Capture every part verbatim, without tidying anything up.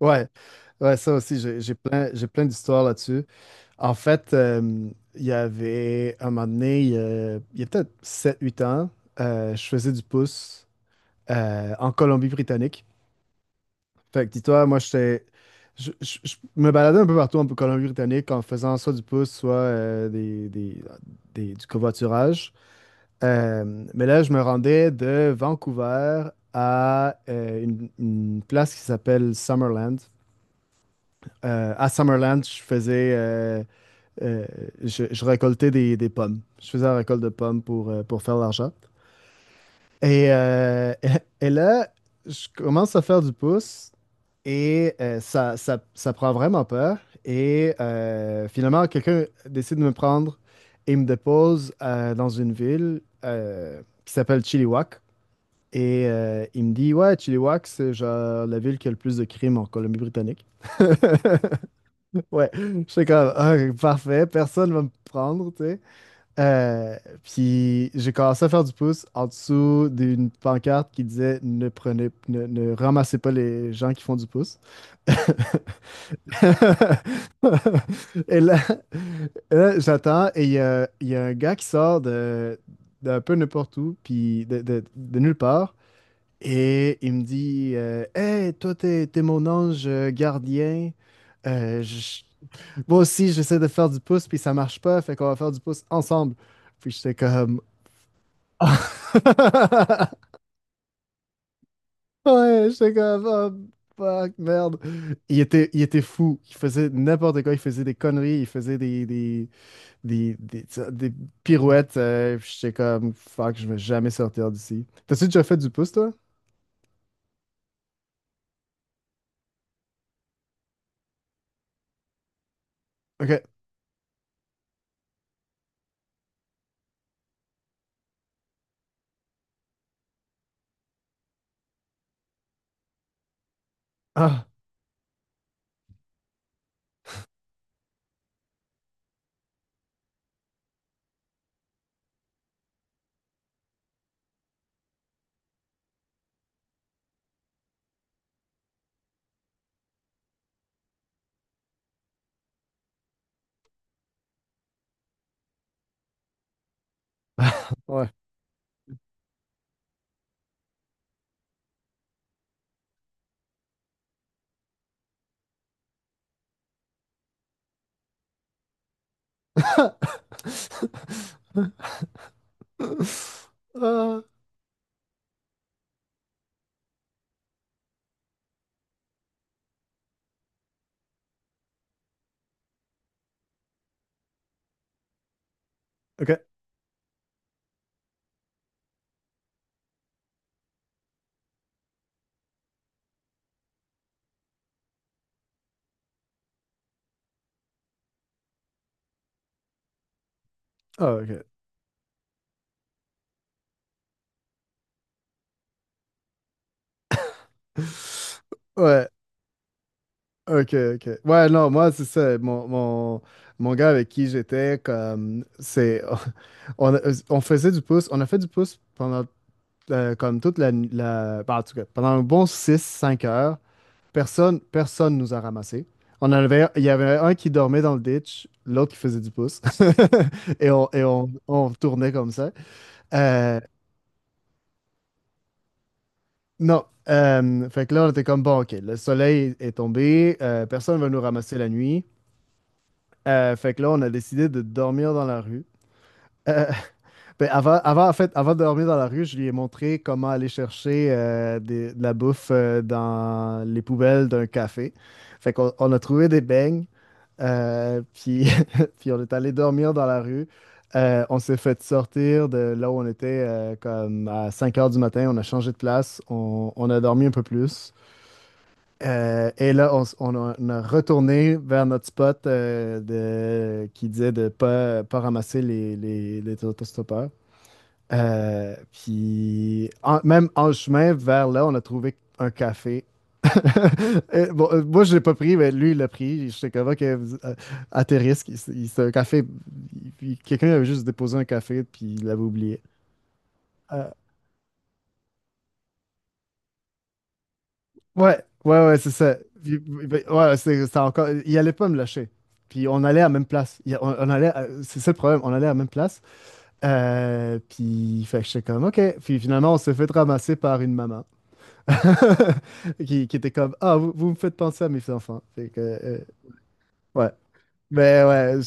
Ouais, ouais, ça aussi, j'ai j'ai plein, j'ai plein d'histoires là-dessus. En fait, euh, il y avait un moment donné, il y a, il y a peut-être sept huit ans, euh, je faisais du pouce euh, en Colombie-Britannique. Fait que dis-toi, moi, j'étais, je, je- je me baladais un peu partout en Colombie-Britannique en faisant soit du pouce, soit euh, des, des- des- du covoiturage. Euh, mais là, je me rendais de Vancouver à euh, une, une place qui s'appelle Summerland. Euh, à Summerland, je faisais, euh, euh, je, je récoltais des, des pommes. Je faisais la récolte de pommes pour, euh, pour faire de l'argent. Et, euh, et là, je commence à faire du pouce et euh, ça, ça, ça prend vraiment peur. Et euh, finalement, quelqu'un décide de me prendre et me dépose euh, dans une ville euh, qui s'appelle Chilliwack. Et euh, il me dit, ouais, Chilliwack, c'est genre la ville qui a le plus de crimes en Colombie-Britannique. Ouais, j'étais comme, ah, parfait, personne va me prendre, tu sais. Euh, Puis j'ai commencé à faire du pouce en dessous d'une pancarte qui disait ne prenez, ne, ne ramassez pas les gens qui font du pouce. Et là, là, j'attends et il y a, il y a un gars qui sort de, d'un peu n'importe où, puis de, de- de nulle part, et il me dit euh, hey, toi, t'es, t'es mon ange gardien. Euh, je, Moi aussi, j'essaie de faire du pouce, puis ça marche pas, fait qu'on va faire du pouce ensemble. Puis j'étais comme. Ouais, j'étais comme. Oh, fuck, merde. Il était, il était fou. Il faisait n'importe quoi. Il faisait des conneries. Il faisait des, des, des, des, des pirouettes. Euh, puis j'étais comme. Fuck, je vais jamais sortir d'ici. T'as-tu déjà fait du pouce, toi? Ok. Ah, ouais. Ah, ok. Ah, ok. Ouais, ok, ok. Ouais, non, moi, c'est ça. Mon, mon, mon gars avec qui j'étais, comme, c'est. On, on faisait du pouce. On a fait du pouce pendant, euh, comme toute la, la. Ben, en tout cas, pendant un bon six cinq heures. Personne, personne nous a ramassés. On en avait, il y avait un qui dormait dans le ditch, l'autre qui faisait du pouce. Et on, et on, on tournait comme ça. Euh, Non. Euh, fait que là, on était comme, bon, ok, le soleil est tombé, euh, personne ne va nous ramasser la nuit. Euh, fait que là, on a décidé de dormir dans la rue. Euh, ben, avant, avant, en fait, avant de dormir dans la rue, je lui ai montré comment aller chercher euh, des- de la bouffe euh, dans les poubelles d'un café. Fait qu'on on a trouvé des beignes, euh, puis, puis on est allé dormir dans la rue. Euh, on s'est fait sortir de là où on était euh, comme à cinq heures du matin. On a changé de place. On, on a dormi un peu plus. Euh, et là, on, s- on a, on a retourné vers notre spot euh, de, qui disait de ne pas, pas ramasser les, les, les autostoppeurs. Euh, puis, en- même en chemin vers là, on a trouvé un café. Et bon, euh, moi, je l'ai pas pris, mais lui, il l'a pris. Je sais comment que, vous- euh, à tes risques, il- s- il- c'est un café. il- il- Quelqu'un avait juste déposé un café, puis il l'avait oublié. Euh, Ouais, ouais, ouais, c'est ça. Puis, ben, ouais, c'est c'est encore. Il allait pas me lâcher. Puis on allait à la même place. Il- on, on allait à- C'est ça le problème, on allait à la même place. Euh, puis fait que j'étais comme ok. Puis finalement, on s'est fait ramasser par une maman qui, qui était comme ah, vous, vous me faites penser à mes enfants. Fait que, euh, ouais. Mais ouais,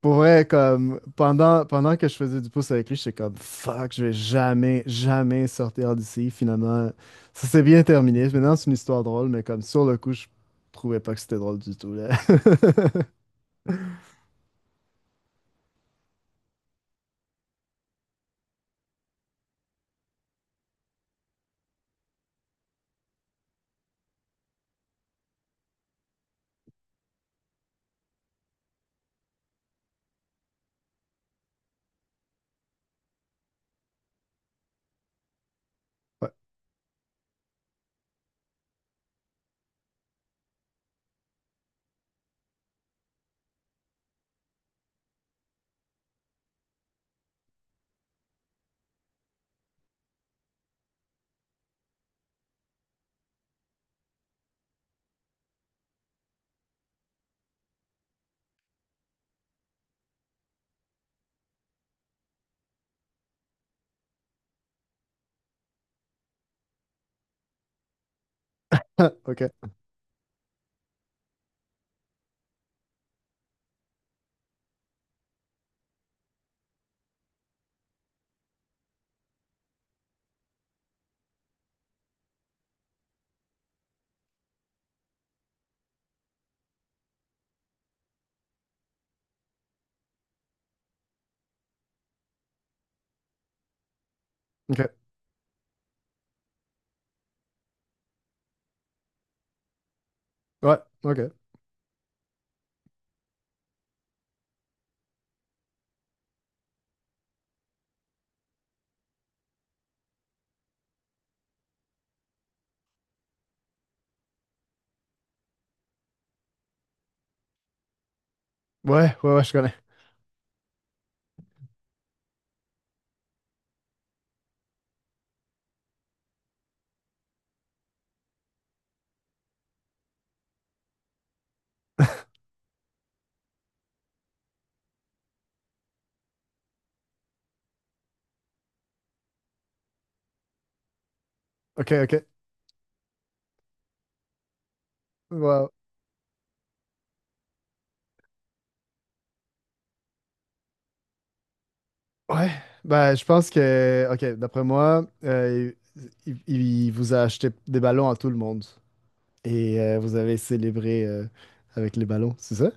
pour vrai, comme pendant, pendant que je faisais du pouce avec lui, j'étais comme fuck, je vais jamais, jamais sortir d'ici. Finalement, ça s'est bien terminé. Maintenant, c'est une histoire drôle, mais comme sur le coup, je trouvais pas que c'était drôle du tout, là. Ouais. Ah, ok. Ok. Ouais. Ok. Ouais. Ouais. Ouais. Je connais. Ok. Ok. Wow. Ouais. Ben, je pense que. Ok. D'après moi, euh, il, il- il vous a acheté des ballons à tout le monde et euh, vous avez célébré euh, avec les ballons, c'est ça?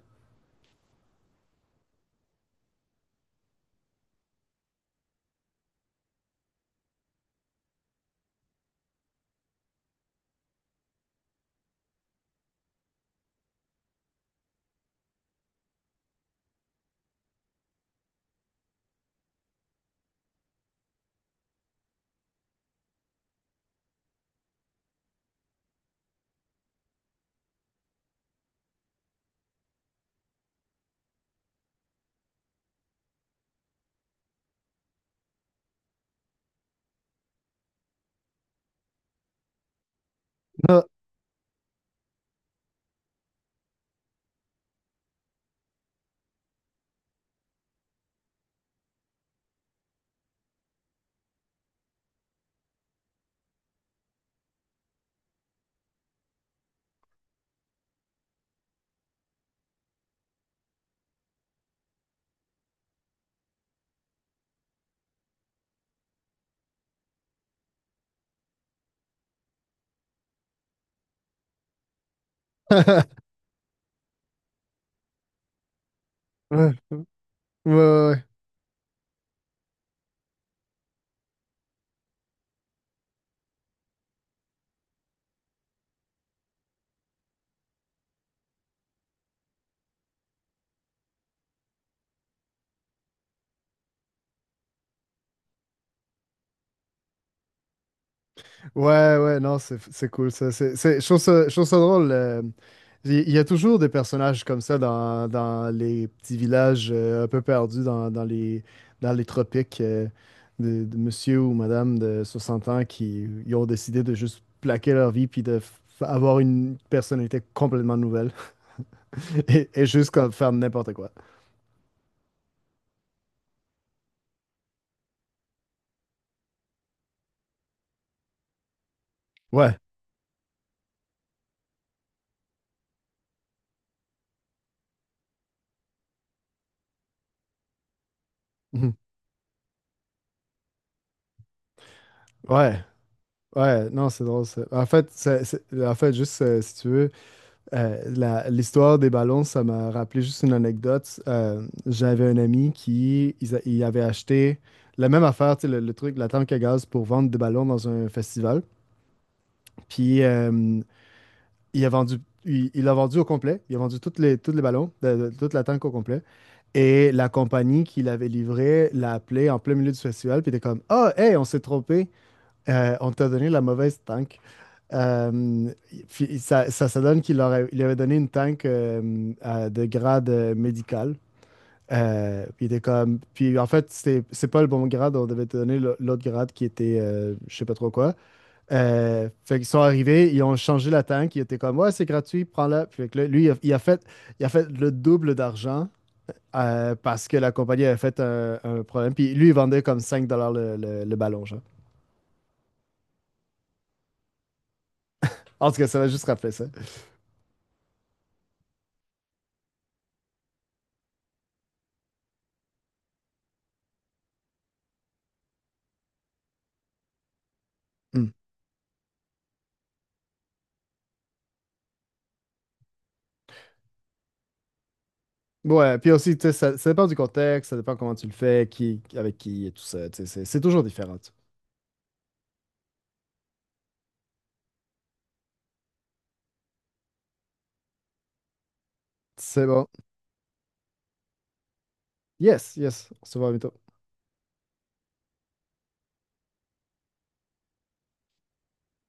Ouais, ouais, ouais, ouais, ouais, non, c'est c'est cool ça. C'est, c'est, je trouve ça, Je trouve ça drôle. euh, Il il y a toujours des personnages comme ça dans, dans les petits villages euh, un peu perdus dans, dans les, dans les tropiques euh, de, de monsieur ou madame de soixante ans qui ils ont décidé de juste plaquer leur vie puis de f- avoir une personnalité complètement nouvelle et, et juste comme faire n'importe quoi. Ouais. Mhm. Ouais. Ouais. Non, c'est drôle. Ça. En fait, c'est- c'est- en fait, juste euh, si tu veux. Euh, la- l'histoire des ballons, ça m'a rappelé juste une anecdote. Euh, j'avais un ami qui ils a- il avait acheté la même affaire, tu sais, le, le truc, la tank à gaz pour vendre des ballons dans un festival. Puis euh, il a vendu, il il l'a vendu au complet. Il a vendu toutes les, tous les ballons, de- de- toute la tank au complet. Et la compagnie qui l'avait livré l'a appelé en plein milieu du festival. Puis il était comme, ah, hey, on s'est trompé. Euh, on t'a donné la mauvaise tank. Euh, Puis ça, ça, ça donne qu'il aurait, il avait donné une tank euh, à- de grade euh, médical. Euh, puis il était comme. Puis en fait, c'est c'est pas le bon grade, on devait te donner le- l'autre grade qui était euh, je sais pas trop quoi. Euh, fait qu'ils sont arrivés, ils ont changé la tank, ils étaient comme ouais, c'est gratuit, prends-la. Puis fait que là, lui, il a, il a fait, il a fait le double d'argent euh, parce que la compagnie avait fait un, un problème. Puis lui, il vendait comme cinq dollars$ le, le, le ballon, genre. En tout cas, ça m'a juste rappelé ça. Hmm. Ouais, puis aussi, tu sais, ça, ça dépend du contexte, ça dépend comment tu le fais, qui, avec qui et tout ça, tu sais, c'est c'est toujours différent. Tu sais. C'est bon. Yes, yes, on se voit bientôt.